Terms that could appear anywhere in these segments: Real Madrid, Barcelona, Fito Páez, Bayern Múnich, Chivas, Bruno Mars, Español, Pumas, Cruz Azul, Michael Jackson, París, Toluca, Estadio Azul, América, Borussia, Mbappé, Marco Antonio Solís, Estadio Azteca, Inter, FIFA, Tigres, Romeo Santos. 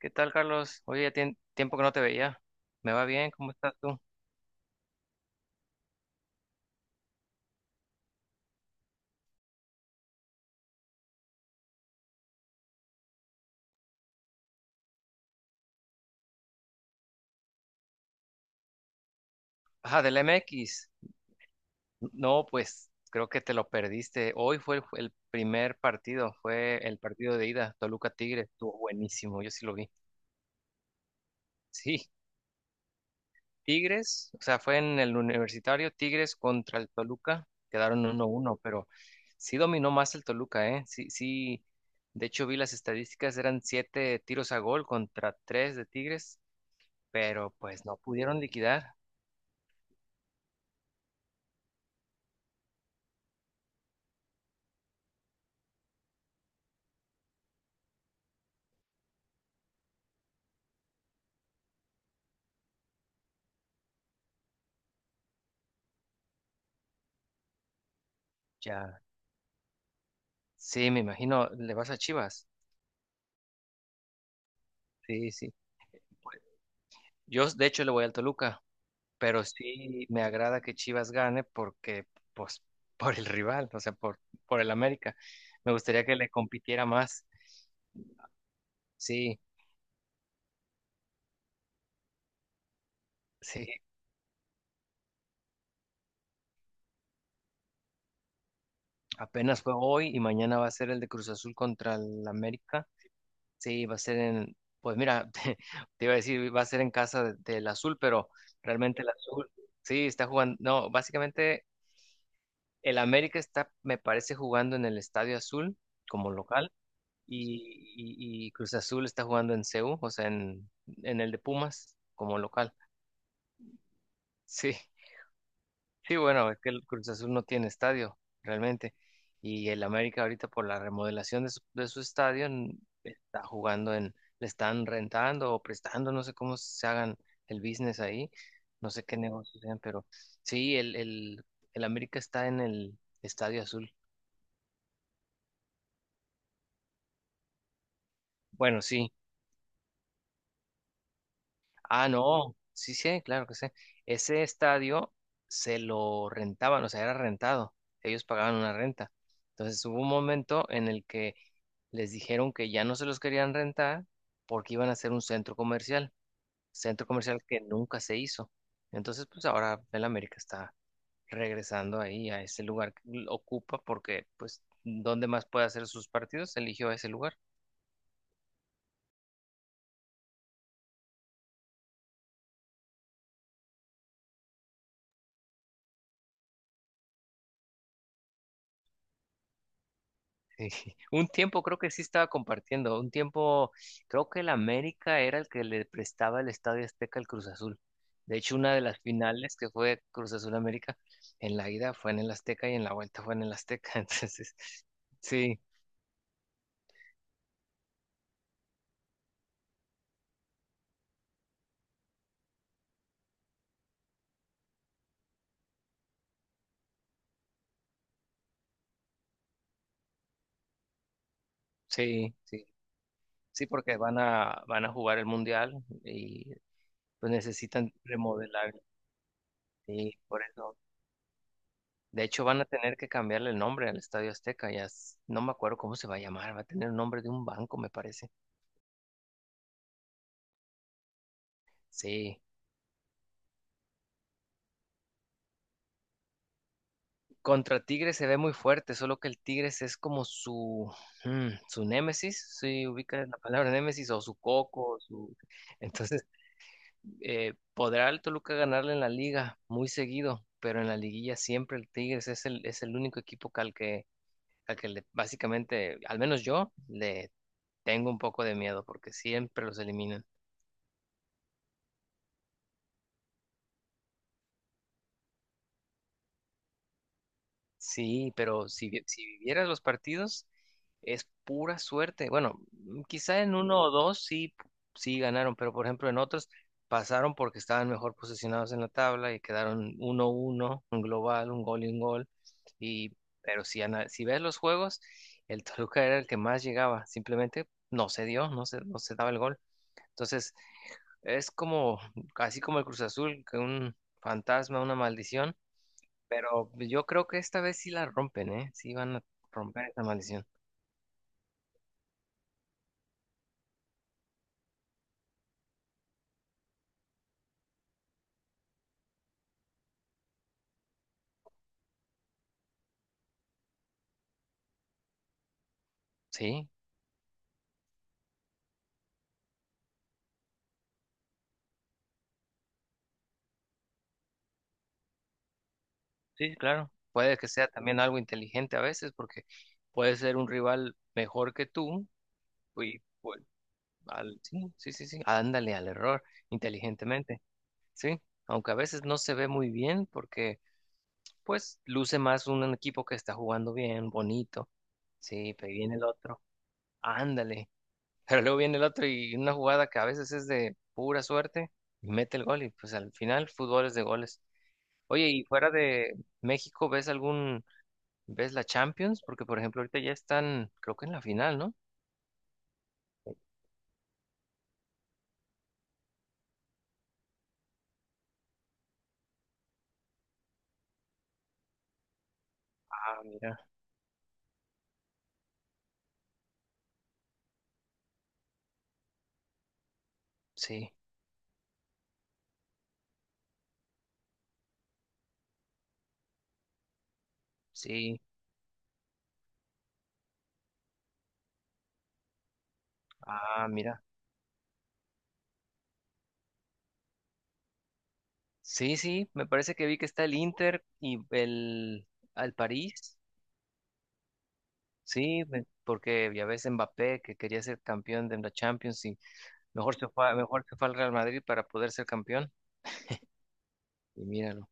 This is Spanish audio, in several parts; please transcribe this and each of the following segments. ¿Qué tal, Carlos? Oye, ya tiene tiempo que no te veía. ¿Me va bien? ¿Cómo estás tú? Ajá, del MX. No, pues creo que te lo perdiste. Hoy fue el primer partido, fue el partido de ida, Toluca Tigres. Estuvo buenísimo, yo sí lo vi. Sí, Tigres, o sea, fue en el universitario, Tigres contra el Toluca, quedaron 1-1, pero sí dominó más el Toluca, ¿eh? Sí, sí, de hecho vi las estadísticas, eran siete tiros a gol contra tres de Tigres, pero pues no pudieron liquidar. Ya. Sí, me imagino, le vas a Chivas. Sí, sí. Yo, de hecho, le voy al Toluca, pero sí me agrada que Chivas gane porque, pues, por el rival, o sea, por el América. Me gustaría que le compitiera más. Sí, sí. Apenas fue hoy y mañana va a ser el de Cruz Azul contra el América. Sí, va a ser en, pues mira, te iba a decir, va a ser en casa de- del Azul, pero realmente el Azul, sí, está jugando. No, básicamente el América está, me parece, jugando en el Estadio Azul como local y, y Cruz Azul está jugando en CU, o sea, en el de Pumas como local. Sí, sí, bueno, es que el Cruz Azul no tiene estadio realmente y el América ahorita por la remodelación de su estadio está jugando en, le están rentando o prestando, no sé cómo se hagan el business ahí, no sé qué negocios sean, pero sí, el América está en el Estadio Azul. Bueno, sí, ah, no, sí, sí, claro que sí. Ese estadio se lo rentaban, o sea, era rentado. Ellos pagaban una renta. Entonces hubo un momento en el que les dijeron que ya no se los querían rentar porque iban a hacer un centro comercial que nunca se hizo. Entonces, pues ahora el América está regresando ahí a ese lugar que ocupa porque, pues, ¿dónde más puede hacer sus partidos? Eligió ese lugar. Un tiempo creo que sí estaba compartiendo, un tiempo creo que el América era el que le prestaba el Estadio Azteca al Cruz Azul. De hecho, una de las finales que fue Cruz Azul América, en la ida fue en el Azteca y en la vuelta fue en el Azteca. Entonces, sí, sí, sí, sí, porque van a jugar el Mundial y pues necesitan remodelar. Sí, por eso. De hecho, van a tener que cambiarle el nombre al Estadio Azteca. Ya no me acuerdo cómo se va a llamar, va a tener el nombre de un banco, me parece. Sí. Contra Tigres se ve muy fuerte, solo que el Tigres es como su némesis, si ubica la palabra némesis, o su coco, su... Entonces, podrá el Toluca ganarle en la liga muy seguido, pero en la liguilla siempre el Tigres es el único equipo que al que, básicamente, al menos yo, le tengo un poco de miedo, porque siempre los eliminan. Sí, pero si, si vivieras los partidos, es pura suerte. Bueno, quizá en uno o dos sí, sí ganaron, pero por ejemplo en otros pasaron porque estaban mejor posicionados en la tabla y quedaron 1-1 un global, un gol. Y, pero si, si ves los juegos, el Toluca era el que más llegaba, simplemente no se dio, no se daba el gol. Entonces, es como, así como el Cruz Azul, que un fantasma, una maldición pero pues, yo creo que esta vez sí la rompen, ¿eh? Sí van a romper esa maldición. Sí, sí, claro. Puede que sea también algo inteligente a veces, porque puede ser un rival mejor que tú y pues, sí, sí, sí, sí, ándale al error inteligentemente, sí. Aunque a veces no se ve muy bien, porque pues luce más un equipo que está jugando bien, bonito, sí, pero ahí viene el otro, ándale. Pero luego viene el otro y una jugada que a veces es de pura suerte y mete el gol y pues al final fútbol es de goles. Oye, y fuera de México, ¿ves la Champions? Porque por ejemplo ahorita ya están, creo que en la final, ¿no? Ah, mira, sí, sí, ah, mira. Sí, sí, me parece que vi que está el Inter y al París. Sí, porque ya ves Mbappé que quería ser campeón de la Champions y mejor se fue al Real Madrid para poder ser campeón. Y míralo.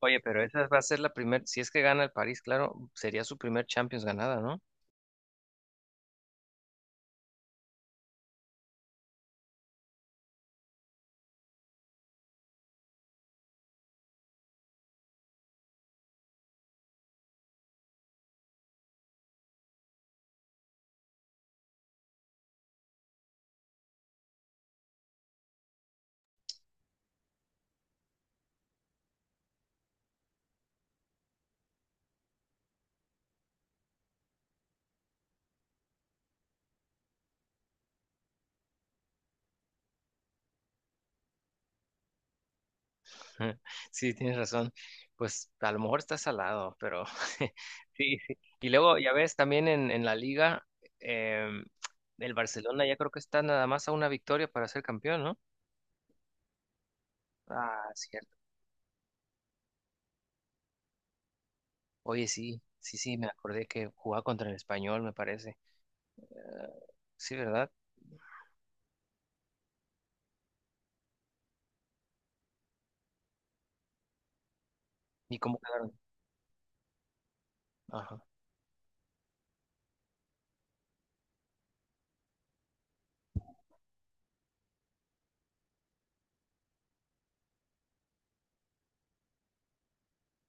Oye, pero esa va a ser la primera, si es que gana el París, claro, sería su primer Champions ganada, ¿no? Sí, tienes razón. Pues a lo mejor está salado, pero sí, sí. Y luego, ya ves, también en la liga, em, el Barcelona ya creo que está nada más a una victoria para ser campeón, ¿no? Ah, cierto. Oye, sí, sí, sí, me acordé que jugaba contra el Español, me parece. Ah, sí, ¿verdad? ¿Y cómo quedaron? Ajá.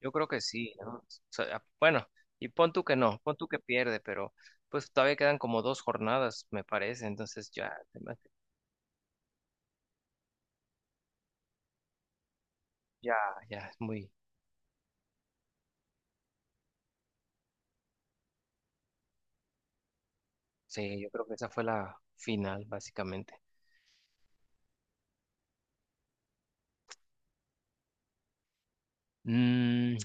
Yo creo que sí, ¿no? O sea, bueno, y pon tú que no, pon tú que pierde, pero pues todavía quedan como dos jornadas, me parece, entonces ya, ya, ya sí, yo creo que esa fue la final, básicamente. Mm,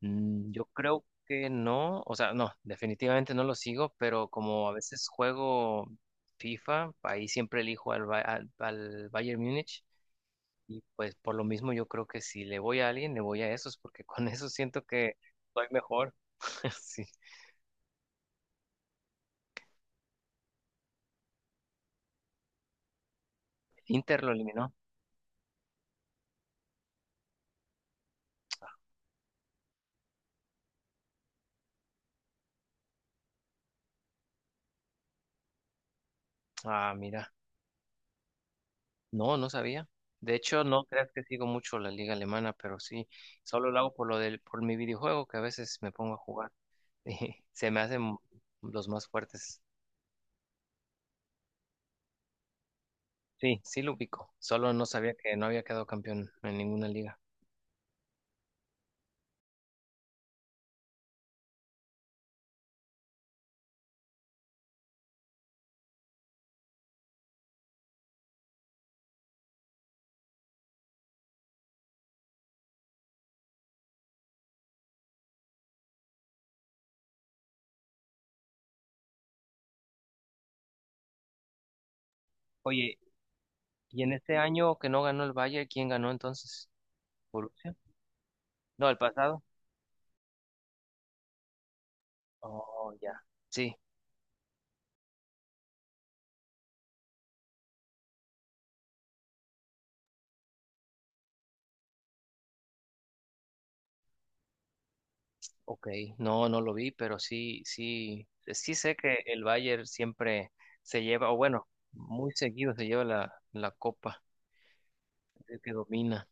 yo creo que no, o sea, no, definitivamente no lo sigo, pero como a veces juego FIFA, ahí siempre elijo al Bayern Múnich. Y pues por lo mismo yo creo que si le voy a alguien, le voy a esos, porque con esos siento que soy mejor. Sí. Inter lo eliminó. Ah, mira. No, no sabía. De hecho, no creas que sigo mucho la liga alemana, pero sí, solo lo hago por mi videojuego, que a veces me pongo a jugar. Y se me hacen los más fuertes. Sí, sí lo ubico. Solo no sabía que no había quedado campeón en ninguna liga. Oye, ¿y en este año que no ganó el Bayern, quién ganó entonces? ¿Borussia? No, el pasado. Oh, ya. Sí, ok. No, no lo vi, pero sí, sí, sí sé que el Bayern siempre se lleva, o bueno, muy seguido se lleva la copa, es el que domina.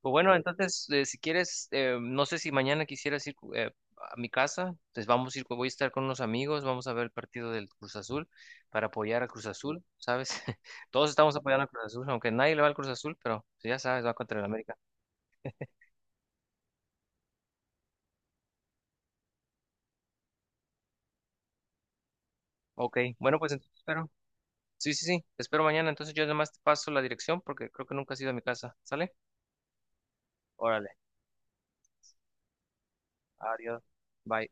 Pues bueno, entonces, si quieres, no sé si mañana quisieras ir a mi casa, pues vamos a ir, voy a estar con unos amigos, vamos a ver el partido del Cruz Azul para apoyar a Cruz Azul, ¿sabes? Todos estamos apoyando a Cruz Azul, aunque nadie le va al Cruz Azul, pero pues, ya sabes, va contra el América. Ok, bueno, pues entonces espero. Sí, sí, sí. Te espero mañana. Entonces yo además te paso la dirección porque creo que nunca has ido a mi casa. ¿Sale? Órale. Adiós. Bye.